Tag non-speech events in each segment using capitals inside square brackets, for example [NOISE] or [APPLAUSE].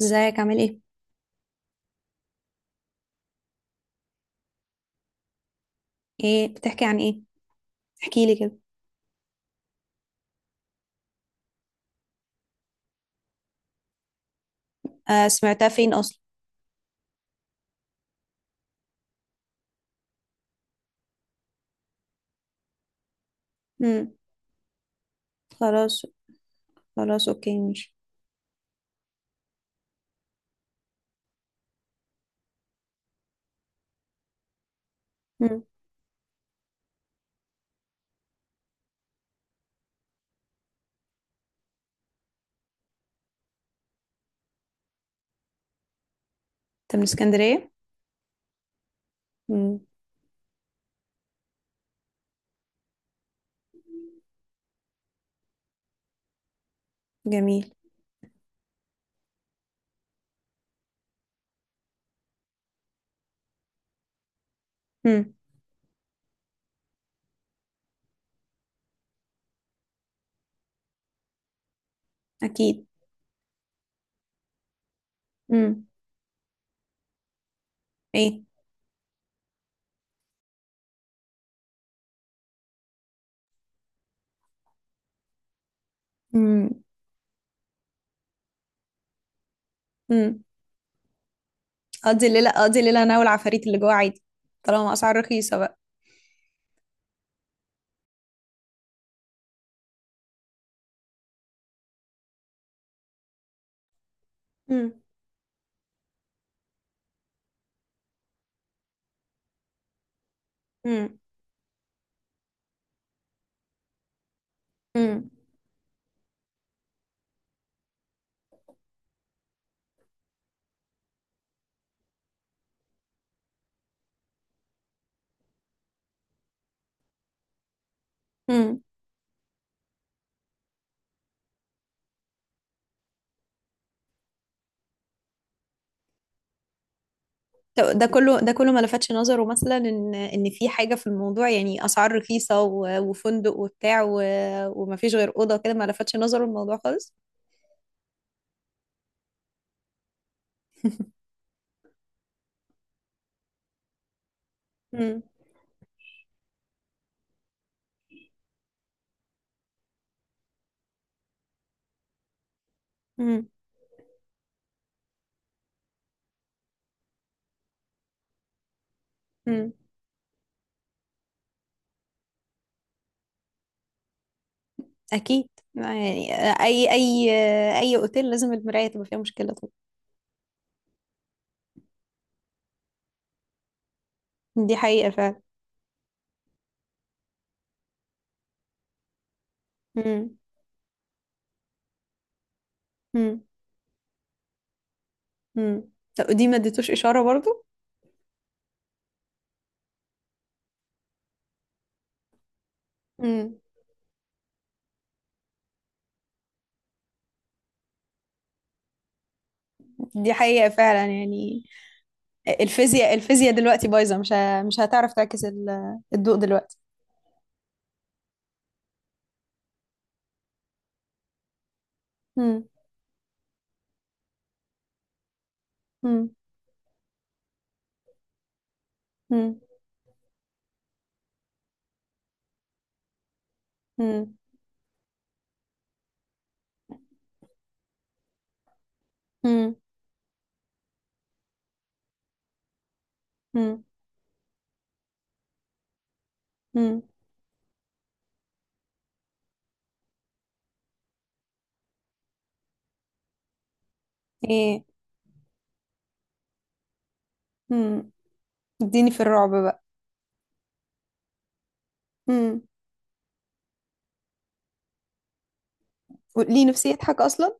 ازيك؟ عامل ايه؟ ايه بتحكي عن ايه؟ احكي لي كده. آه، سمعتها فين اصلا؟ امم. خلاص. خلاص اوكي ماشي. امم. انت من اسكندريه؟ امم. جميل. امم. اكيد. امم. ايه؟ امم. امم. اقضي الليله، اقضي الليله انا والعفاريت اللي جوه عادي، طالما اسعار رخيصه بقى. امم. امم. امم. امم. طب ده كله ما لفتش نظره، مثلا ان في حاجه في الموضوع، يعني اسعار رخيصه وفندق وبتاع ومفيش غير اوضه كده، ما لفتش نظره الموضوع خالص؟ مم. امم. امم. اكيد. يعني اي اي اي اوتيل لازم المرايه تبقى فيها مشكله طبعا. دي حقيقه فعلا. امم. امم. امم. طب دي ما اديتوش اشاره برضو؟ امم. دي حقيقه فعلا، يعني الفيزياء دلوقتي بايظه، مش هتعرف تعكس الضوء دلوقتي. امم. امم. امم. امم. امم. امم. امم. ايه؟ امم. اديني في الرعب بقى. امم. ليه؟ نفسي يضحك اصلا.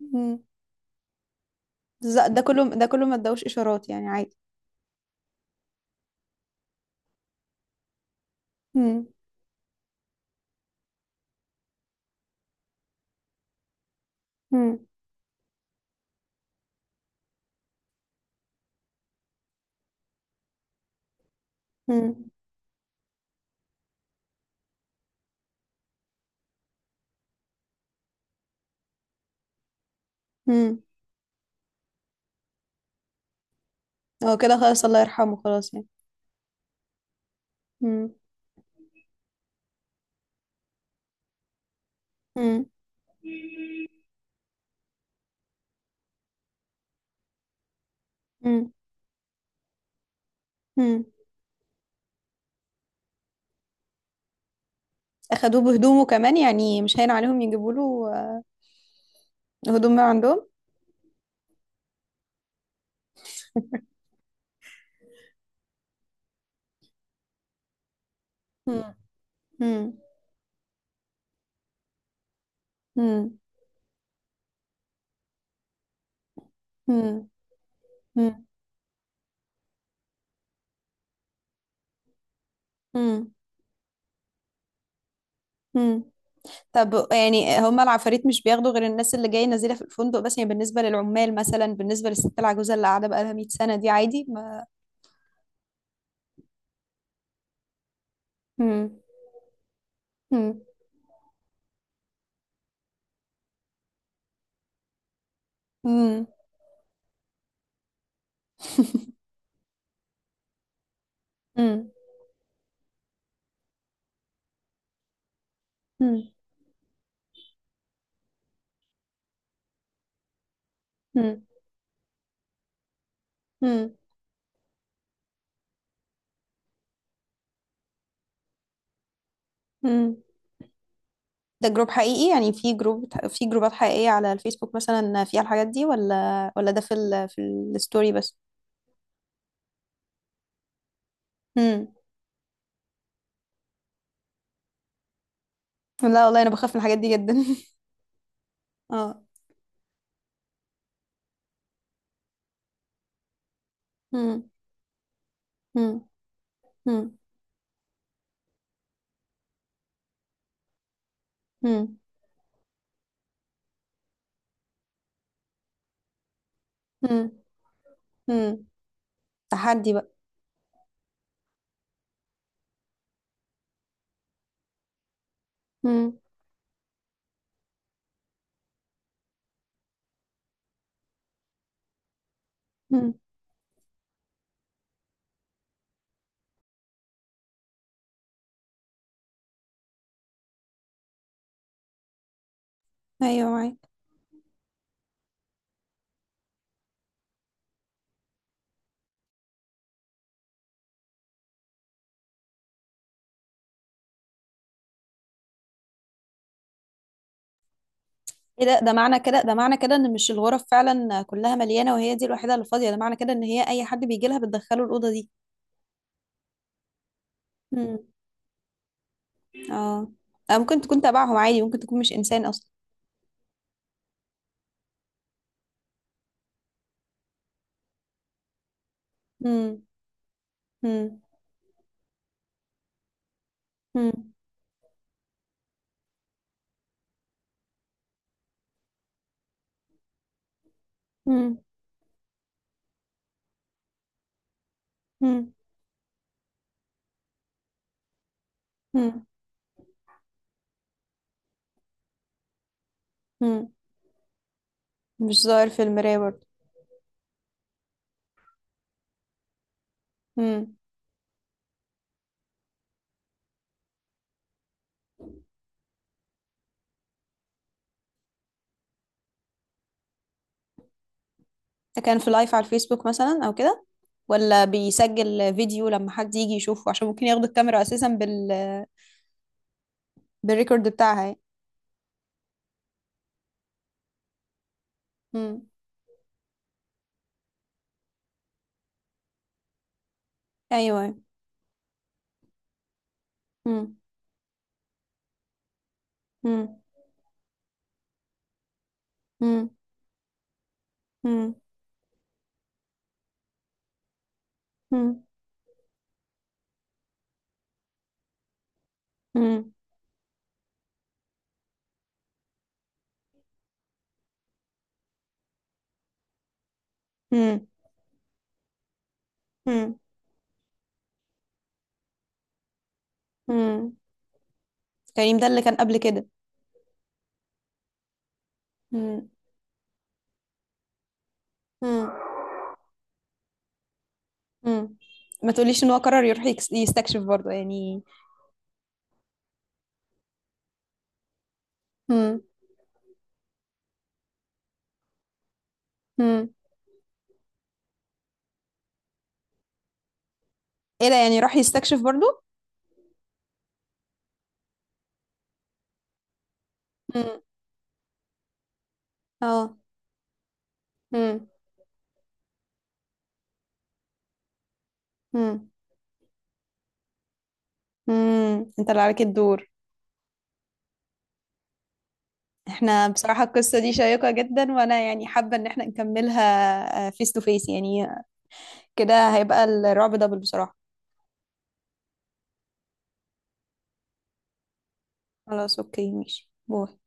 امم. ده كله ما ادوش اشارات يعني؟ عادي. مم. مم. مم. هو كده خلاص، الله يرحمه خلاص يعني. مم. مم. مم. مم. أخدوه بهدومه كمان يعني؟ مش هين عليهم يجيبوا له آه، هدوم من عندهم. مم. مم. مم. مم. مم. مم. مم. طب يعني هما العفاريت مش بياخدوا غير الناس اللي جاية نازلة في الفندق بس؟ يعني بالنسبة للعمال، مثلا بالنسبة للست العجوزة اللي قاعدة بقالها 100 سنة دي عادي ما. مم. مم. مم. مم. مم. مم. مم. ده جروب حقيقي يعني؟ في جروب، في جروبات حقيقية على الفيسبوك مثلا فيها الحاجات دي ولا ده في ال في الستوري بس؟ امم. لا والله انا بخاف من الحاجات دي جدا. [LAUGHS] اه. امم. امم. امم. امم. امم. امم. تحدي بقى. امم. امم. ايوه معاك. ايه ده؟ ده معنى كده ان مش الغرف فعلا كلها مليانة وهي دي الوحيدة اللي فاضية؟ ده معنى كده ان هي اي حد بيجي لها بتدخله الأوضة دي. امم. اه. آه، ممكن تكون تبعهم عادي، ممكن تكون مش انسان اصلا. امم. امم. امم. مم. مم. مش ظاهر في المراية برضه؟ مم. ده كان في لايف على الفيسبوك مثلا او كده، ولا بيسجل فيديو لما حد يجي يشوفه عشان ممكن ياخدوا الكاميرا اساسا بالريكورد بتاعها يعني. مم. ايوه. مم. مم. مم. مم. مم. مم. مم. مم. مم. كريم ده اللي كان قبل كده؟ مم. مم. مم. ما تقوليش ان هو قرر يروح يستكشف برضه يعني. مم. مم. ايه ده، يعني راح يستكشف برضه؟ مم. اه. مم. مم. امم، انت اللي عليك الدور. احنا بصراحة القصة دي شيقة جدا، وانا يعني حابة ان احنا نكملها فيس تو فيس يعني. كده هيبقى الرعب دبل بصراحة. خلاص اوكي ماشي، باي.